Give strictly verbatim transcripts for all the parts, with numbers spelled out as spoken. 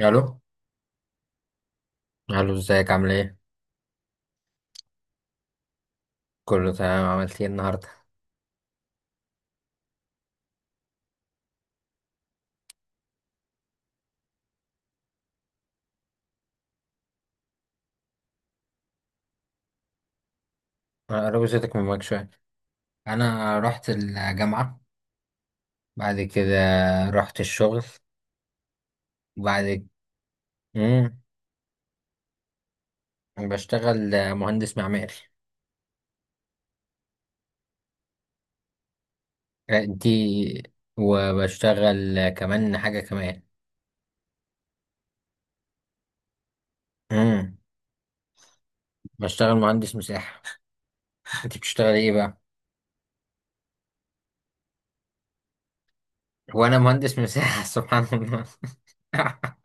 الو. الو، ازيك؟ عامل ايه؟ كله تمام. عملت ايه النهارده؟ انا قربت صوتك من المايك شويه. انا رحت الجامعه. بعد كده رحت الشغل. وبعد امم بشتغل مهندس معماري. دي. وبشتغل كمان حاجه كمان. امم بشتغل مهندس مساحه. انت بتشتغل ايه بقى؟ وانا مهندس مساحه. سبحان الله.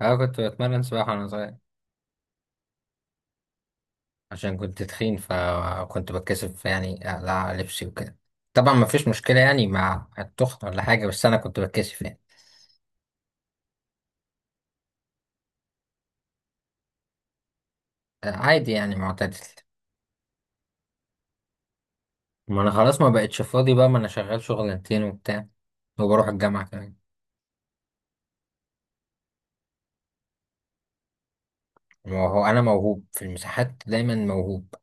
انا كنت بتمرن سباحه وانا صغير. عشان كنت تخين فكنت بتكسف يعني اقلع لبسي وكده. طبعا ما فيش مشكلة يعني مع التخن ولا حاجة، بس انا كنت بتكسف يعني. آه، عادي يعني معتدل. ما انا خلاص ما بقتش فاضي بقى، ما انا شغال شغلانتين وبتاع. وبروح الجامعة كمان. وهو انا موهوب في المساحات، دايما موهوب.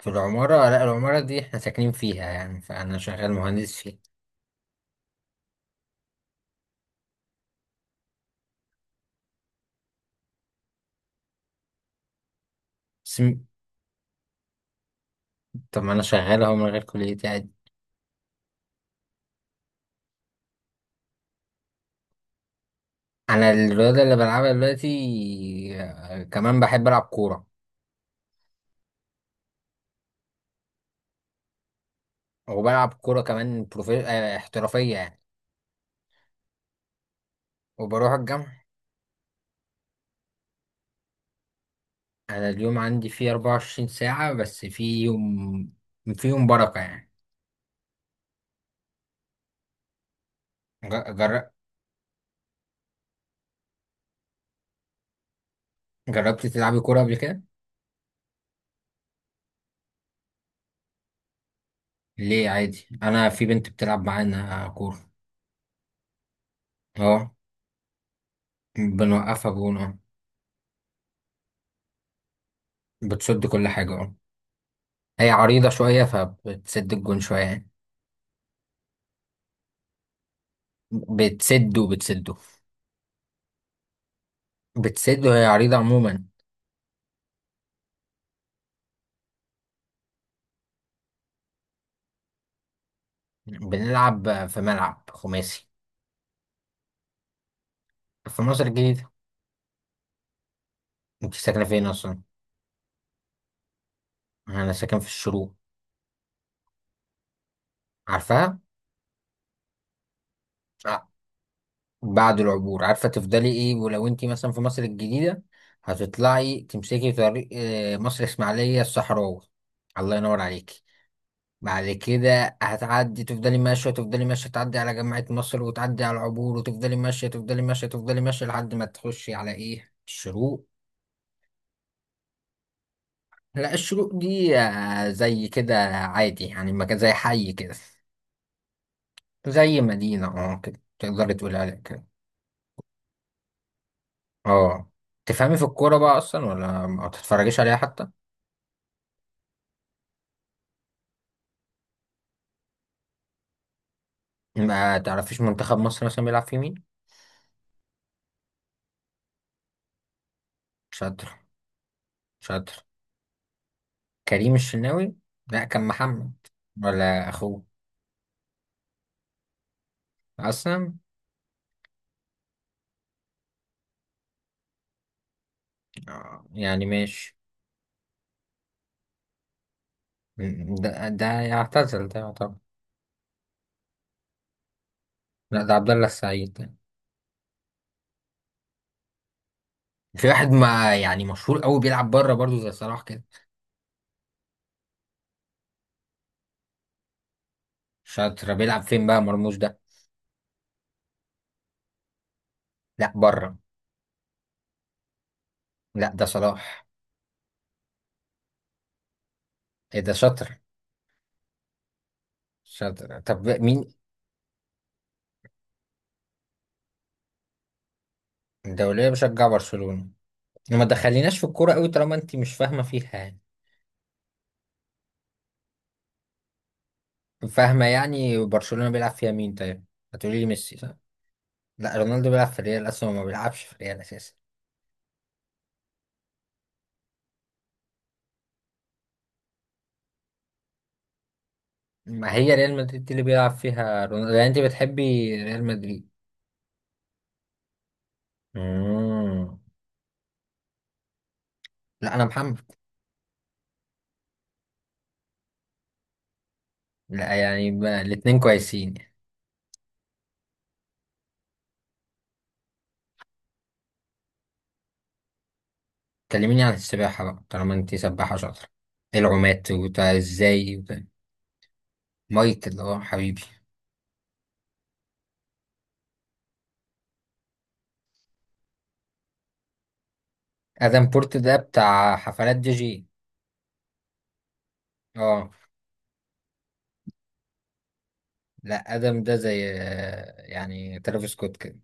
في العمارة، لا العمارة دي احنا ساكنين فيها يعني فانا شغال مهندس فيها. بس م- طب ما انا شغال اهو من غير كليتي عادي. انا الرياضة اللي بلعبها دلوقتي، آه، كمان بحب العب كورة. وبلعب كورة كمان بروفي... آه، احترافية يعني. وبروح الجامعة. أنا اليوم عندي فيه اربعه وعشرين ساعه ساعة بس فيهم فيهم بركة يعني. ج- جر... جربت تلعبي كورة قبل كده؟ ليه عادي، أنا في بنت بتلعب معانا كورة. أه، بنوقفها جون أه. بتسد كل حاجة أه. هي عريضة شوية فبتسد الجون شوية يعني. بتسد وبتسده. بتسد وهي عريضة عموما. بنلعب في ملعب خماسي. في مصر الجديدة. انت ساكنة فين أصلا؟ انا ساكن في الشروق. عارفاها. آه، بعد العبور، عارفه تفضلي ايه، ولو انت مثلا في مصر الجديده هتطلعي تمسكي طريق آه، مصر اسماعيليه الصحراوي. الله ينور عليكي. بعد كده هتعدي، تفضلي ماشيه تفضلي ماشيه، تعدي على جامعه مصر وتعدي على العبور، وتفضلي ماشيه تفضلي ماشيه تفضلي ماشيه لحد ما تخشي على ايه الشروق. لا، الشروق دي آه، زي كده عادي يعني، مكان زي حي كده. زي مدينه، اه كده تقدري تقولي عليها كده. اه. تفهمي في الكورة بقى أصلا ولا ما تتفرجيش عليها حتى؟ ما تعرفيش منتخب مصر مثلا بيلعب في مين؟ شاطر. شاطر كريم الشناوي. لا كان محمد. ولا أخوه أصلا. آه، يعني ماشي. م- ده ده يعتزل، ده يعتبر. لا ده عبد الله السعيد ده. في واحد ما يعني مشهور قوي بيلعب بره برضه زي صلاح كده. شاطر، بيلعب فين بقى مرموش ده؟ لا بره. لا ده صلاح. ايه ده شاطر. شاطر. طب مين؟ الدولية، بشجع برشلونة. ما دخليناش في الكورة قوي طالما انت مش فاهمة فيها يعني. فاهمة يعني برشلونة بيلعب فيها مين طيب؟ هتقولي لي ميسي، صح؟ لا، رونالدو بيلعب في ريال اصلا وما بيلعبش في ريال اساسا. ما هي ريال مدريد اللي بيلعب فيها رونالدو، يعني انت بتحبي ريال مدريد. مم. لا انا محمد. لا يعني ما... الاتنين كويسين يعني. كلميني عن السباحة بقى طالما انت سباحة شاطرة. إيه العومات وبتاع ازاي وبتاع. مايكل اه حبيبي. ادم بورت ده بتاع حفلات دي جي. اه. لا، ادم ده زي آه، يعني ترافيس سكوت كده.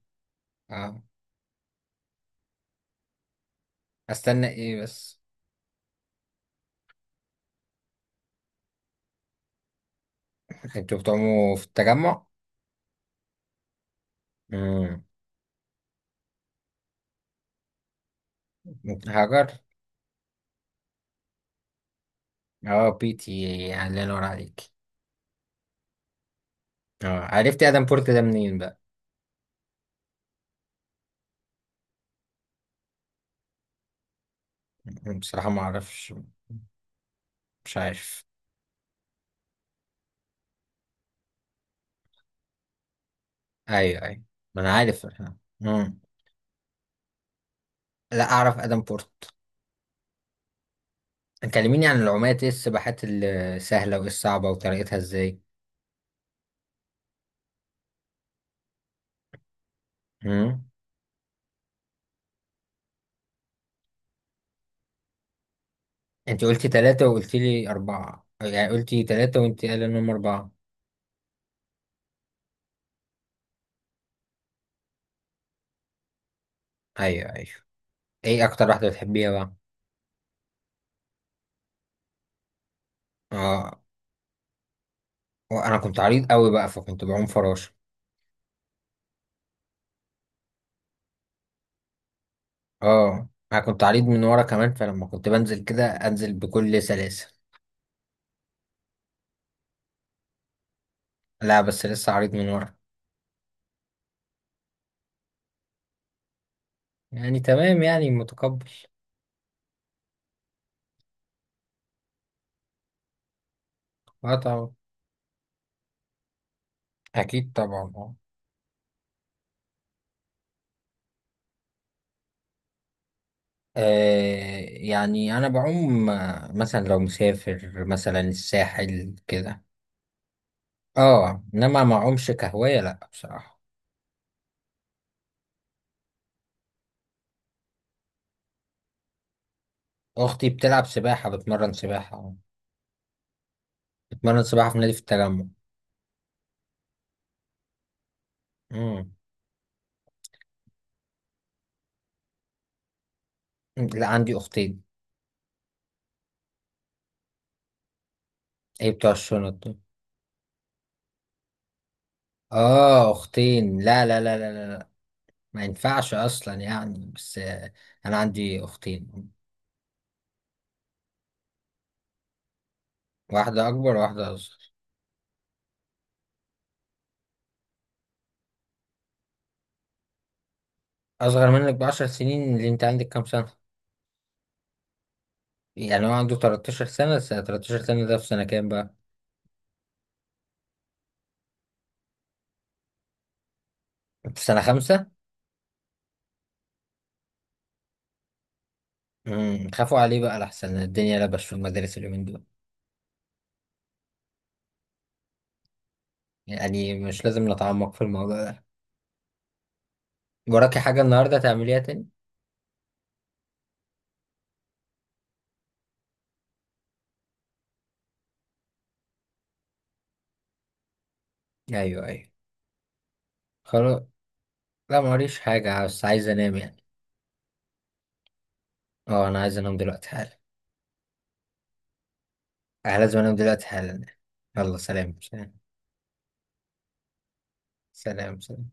اه. استنى ايه بس. انتوا بتعوموا في التجمع؟ امم هاجر. اه بيتي. يعني الله ينور عليك. اه، عرفت ادم بورت ده منين بقى؟ مم، بصراحة ما اعرفش. مش عارف. ايوه ايوه. ما انا عارف. امم لا اعرف ادم بورت. كلميني عن العومات، ايه السباحات السهلة وايه الصعبة وطريقتها ازاي. امم انت قلتي ثلاثة وقلتي لي أربعة، يعني قلتي ثلاثة وانت قال انهم أربعة. ايوه ايوه. ايه اكتر واحده بتحبيها بقى؟ اه. وانا كنت عريض قوي بقى فكنت بعوم فراشه. اه انا كنت عريض من ورا كمان، فلما كنت بنزل كده انزل بكل سلاسه. لا بس لسه عريض من ورا. يعني تمام يعني متقبل. اه طبعا، اكيد طبعا اه. آه، يعني انا بعوم، آه، مثلا لو مسافر مثلا الساحل كده. اه، انما ما اعومش كهوايه لا بصراحه. اختي بتلعب سباحه، بتمرن سباحه. بتمرن سباحه في نادي في التجمع. امم لا عندي اختين. ايه بتوع الشنط دول؟ اه اختين؟ لا، لا، لا، لا، لا، لا. ما ينفعش اصلا يعني، بس آه، انا عندي اختين. واحده اكبر وواحده اصغر. اصغر منك بعشر سنين؟ اللي انت عندك كام سنه؟ يعني هو عنده تلتاشر سنة سنه. س- تلتاشر سنة سنه ده في سنه كام بقى؟ في سنه خمسة؟ امم خافوا عليه بقى لحسن الدنيا لبش في المدارس اليومين دول. يعني مش لازم نتعمق في الموضوع ده. وراكي حاجه النهارده تعمليها تاني؟ ايوه ايوه. خلاص. لا موريش حاجه، بس عايز انام يعني. اه انا عايز انام دلوقتي حالا. على زمانهم، دلوقتي حالا. يلا. سلام سلام. سلام سلام.